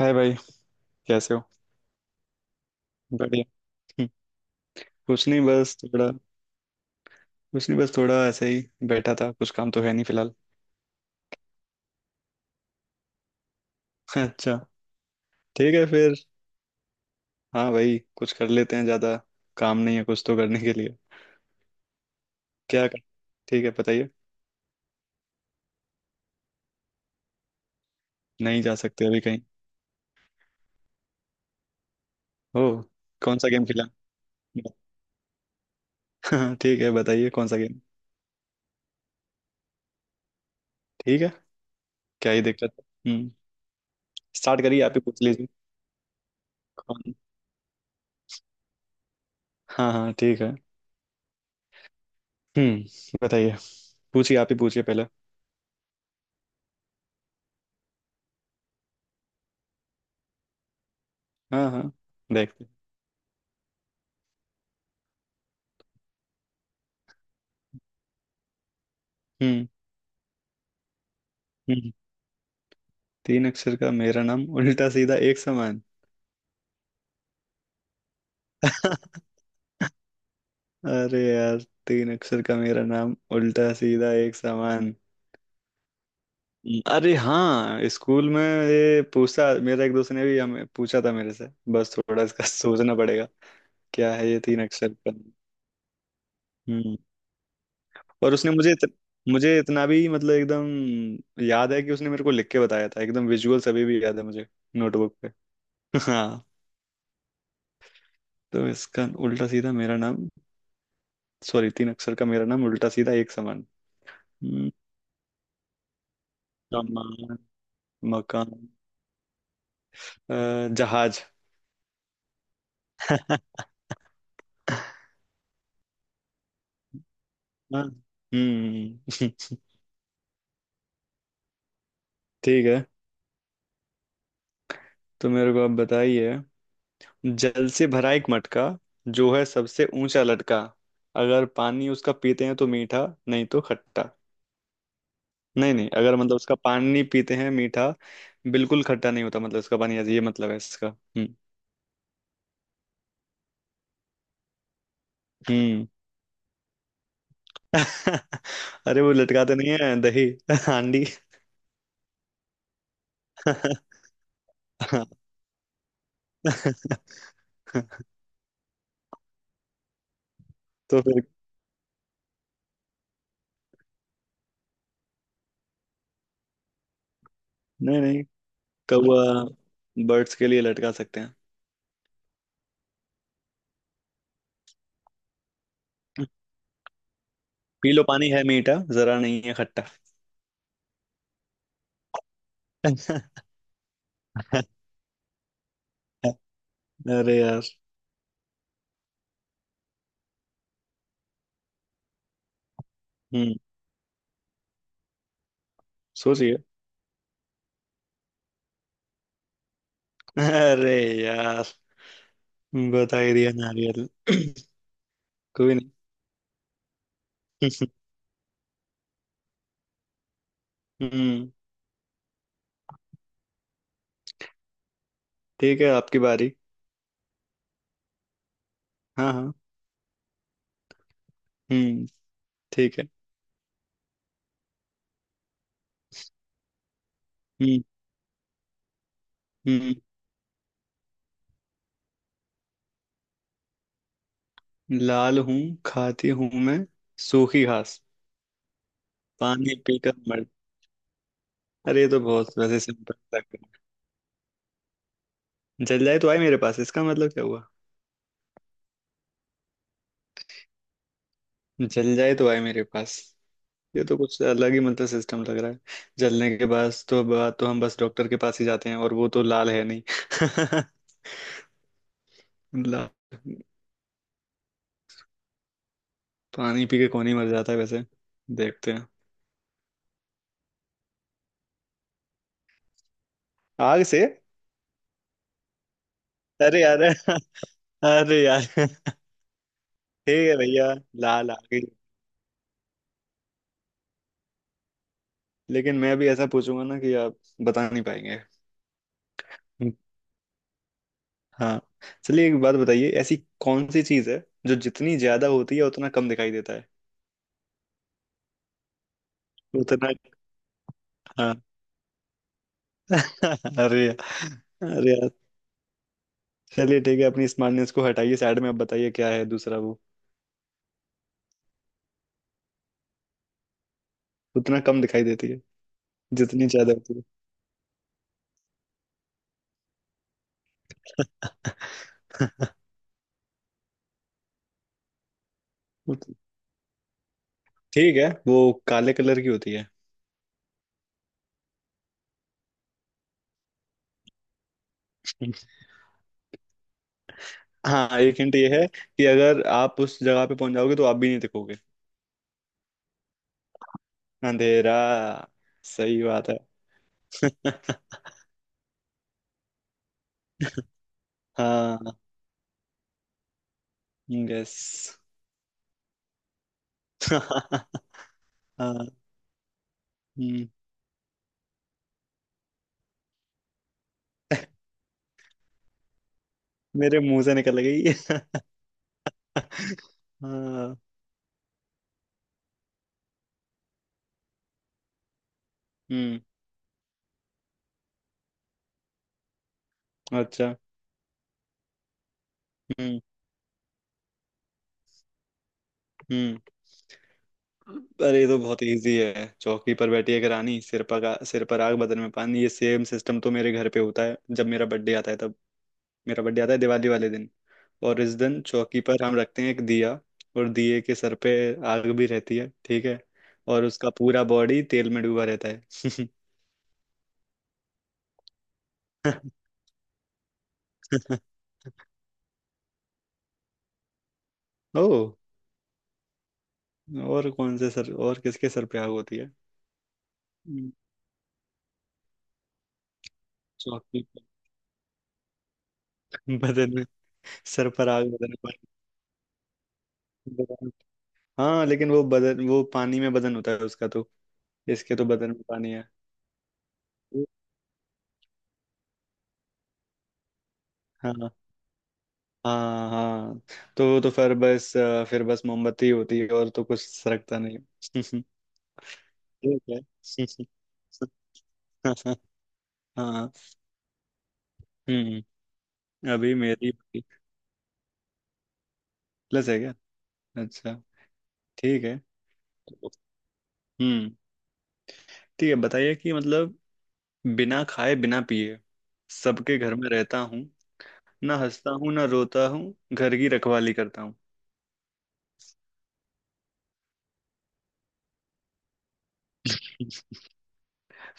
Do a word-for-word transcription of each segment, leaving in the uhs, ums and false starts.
हाय भाई, कैसे हो। बढ़िया। हम्म, कुछ नहीं बस थोड़ा। कुछ नहीं बस थोड़ा ऐसे ही बैठा था, कुछ काम तो है नहीं फिलहाल। अच्छा। ठीक है फिर। हाँ भाई, कुछ कर लेते हैं, ज्यादा काम नहीं है कुछ तो करने के लिए। क्या कर। ठीक है, बताइए। नहीं जा सकते अभी कहीं। हो। कौन सा गेम खेला। हाँ, ठीक है बताइए, कौन सा गेम। ठीक है। क्या ही दिक्कत है। हम्म। स्टार्ट करिए, आप ही पूछ लीजिए। कौन। हाँ हाँ, ठीक है। हम्म। बताइए। पूछिए, आप ही पूछिए पहले। हाँ हाँ। देखते हैं। हम्म। हम्म। तीन अक्षर का मेरा नाम, उल्टा सीधा एक समान। अरे यार, तीन अक्षर का मेरा नाम उल्टा सीधा एक समान। अरे हाँ, स्कूल में ये पूछा मेरा एक दोस्त ने, भी हमें पूछा था मेरे से। बस थोड़ा इसका सोचना पड़ेगा। क्या है ये तीन अक्षर का। हम्म। और उसने मुझे इत, मुझे इतना भी मतलब एकदम याद है कि उसने मेरे को लिख के बताया था, एकदम विजुअल सभी भी याद है मुझे। नोटबुक पे। हाँ। तो इसका उल्टा सीधा मेरा नाम। सॉरी, तीन अक्षर का मेरा नाम उल्टा सीधा एक समान। हम्म, सामान। मकान। अ, जहाज। हाँ। हम्म। ठीक है, तो मेरे को आप बताइए। जल से भरा एक मटका, जो है सबसे ऊंचा लटका, अगर पानी उसका पीते हैं तो मीठा, नहीं तो खट्टा। नहीं नहीं, अगर मतलब उसका पानी पीते हैं मीठा, बिल्कुल खट्टा नहीं होता, मतलब इसका पानी ऐसे- ये मतलब है इसका। हम्म। हम्म। अरे वो लटकाते नहीं है दही हांडी। तो फिर। नहीं नहीं, कौवा, बर्ड्स के लिए लटका सकते हैं। पी लो पानी है मीठा, जरा नहीं है खट्टा। अरे यार। हम्म। सोचिए। अरे यार। बता ही दिया, नारियल। कोई नहीं। हम्म। ठीक है, आपकी बारी। हाँ हाँ। हम्म। ठीक है। हम्म। हम्म। लाल हूँ, खाती हूँ मैं सूखी घास, पानी पीकर मर। अरे ये तो बहुत वैसे सिंपल लग रहा है। जल जाए तो आए मेरे पास, इसका मतलब क्या हुआ। जल जाए तो आए मेरे पास। ये तो कुछ अलग ही मतलब सिस्टम लग रहा है। जलने के बाद तो बाद तो हम बस डॉक्टर के पास ही जाते हैं, और वो तो लाल है नहीं। लाल। पानी पी के कौन ही मर जाता है वैसे। देखते हैं। आग से। अरे यार अरे यार। ठीक है भैया, लाल आ गई। लेकिन मैं भी ऐसा पूछूंगा ना कि आप बता नहीं पाएंगे। हाँ। चलिए, एक बात बताइए, ऐसी कौन सी चीज है जो जितनी ज्यादा होती है उतना कम दिखाई देता है। उतना। हाँ। अरे अरे। चलिए ठीक है, अपनी स्मार्टनेस को हटाइए साइड में, अब बताइए क्या है दूसरा वो। उतना कम दिखाई देती है। जितनी ज्यादा होती है। उत- ठीक है, वो काले कलर की होती है। हाँ, एक हिंट ये है कि अगर आप उस जगह पे पहुंच जाओगे तो आप भी नहीं दिखोगे। अंधेरा। सही बात है। हाँ। यस। हाँ। हम्म, मेरे मुंह से निकल गई। हाँ। हम्म। अच्छा। हम्म। हम्म। अरे ये तो बहुत इजी है, चौकी पर बैठी है रानी, सिर पर का सिर पर आग बदन में पानी, ये सेम सिस्टम तो मेरे घर पे होता है जब मेरा बर्थडे आता है तब। मेरा बर्थडे आता है दिवाली वाले दिन, और इस दिन चौकी पर हम रखते हैं एक दिया, और दिए के सर पे आग भी रहती है, ठीक है। और उसका पूरा बॉडी तेल में डूबा रहता है। ओ। और कौन से सर और किसके सर पे आग होती है। हम्म, चौकी पर। बदन में। सर पर आग बदन में पानी। हाँ, लेकिन वो बदन वो पानी में बदन होता है उसका तो, इसके तो बदन में पानी है। हाँ हाँ। हाँ। तो तो फिर बस अ, फिर बस मोमबत्ती होती है और तो कुछ सरकता नहीं। ठीक है। हाँ। हम्म। अभी मेरी प्लस है क्या। अच्छा। ठीक है। हम्म। ठीक है, बताइए कि मतलब, बिना खाए बिना पिए सबके घर में रहता हूँ, ना हंसता हूँ ना रोता हूँ, घर की रखवाली करता हूँ।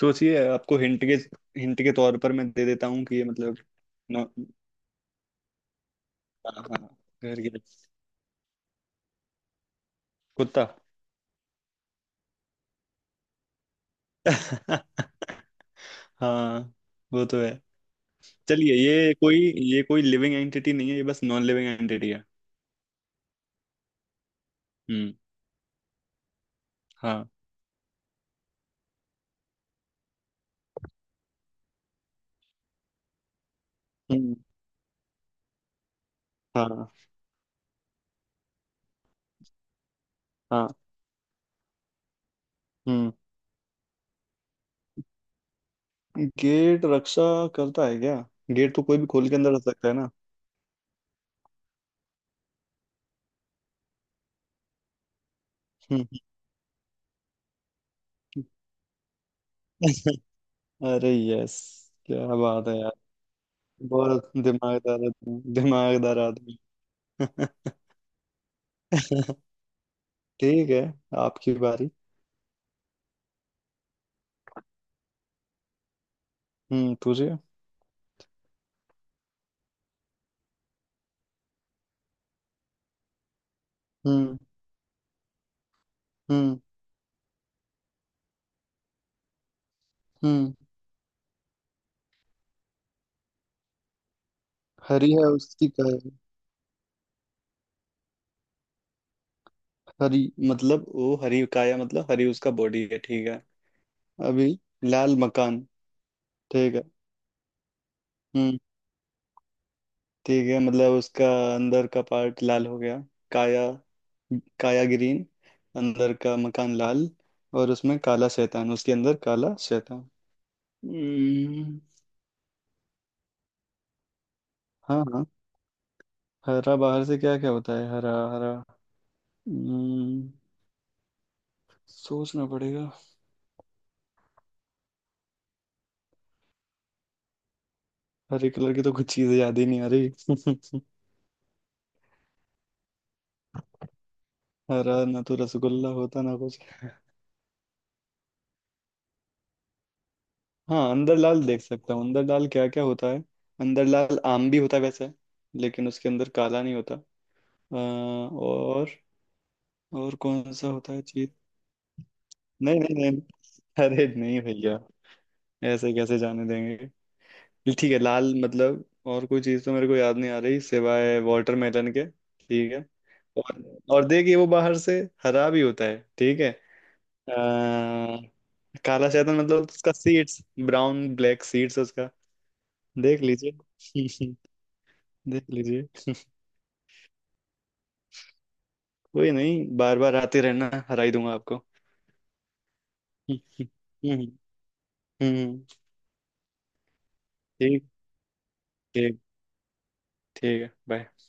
सोचिए आपको हिंट के हिंट के तौर पर मैं दे देता हूँ कि ये मतलब। हाँ हाँ। घर के। कुत्ता। हाँ, वो तो है। चलिए, ये कोई ये कोई लिविंग एंटिटी नहीं है, ये बस नॉन लिविंग एंटिटी है। हम्म। हाँ। हम्म। हाँ हाँ। हम्म। गेट रक्षा करता है क्या। गेट तो कोई भी खोल के अंदर रख सकता है ना। हम्म। अरे यस, क्या बात है यार। बहुत दिमागदार आदमी दिमागदार आदमी। ठीक है, आपकी बारी। हम्म तुझे। हम्म। हम्म। हम्म। हरी है उसकी काया। हरी। मतलब वो हरी काया मतलब हरी उसका बॉडी है, ठीक है। अभी लाल मकान। ठीक है। हम्म। ठीक है, मतलब उसका अंदर का पार्ट लाल हो गया। काया। काया ग्रीन, अंदर का मकान लाल, और उसमें काला शैतान, उसके अंदर काला शैतान। हम्म। हाँ हाँ। हरा बाहर से, क्या क्या होता है हरा हरा। हम्म। सोचना पड़ेगा। हरे कलर की तो कुछ चीजें याद ही नहीं आ रही। हरा ना तो रसगुल्ला होता ना कुछ। हाँ अंदरलाल देख सकता हूँ, अंदरलाल क्या क्या होता है। अंदरलाल आम भी होता है वैसे, लेकिन उसके अंदर काला नहीं होता। अ, और और कौन सा होता है चीज। नहीं नहीं नहीं। अरे नहीं भैया, ऐसे कैसे जाने देंगे। ठीक है, लाल मतलब। और कोई चीज तो मेरे को याद नहीं आ रही सिवाय वाटरमेलन के, ठीक है। और और देखिए, वो बाहर से हरा भी होता है, ठीक है। अ, काला शैतान मतलब उसका सीड्स, ब्राउन ब्लैक सीड्स उसका। देख लीजिए। देख लीजिए। कोई नहीं, बार बार आते रहना, हरा ही दूंगा आपको। हम्म। हम्म। हम्म, ठीक। ठीक। ठीक है बाय।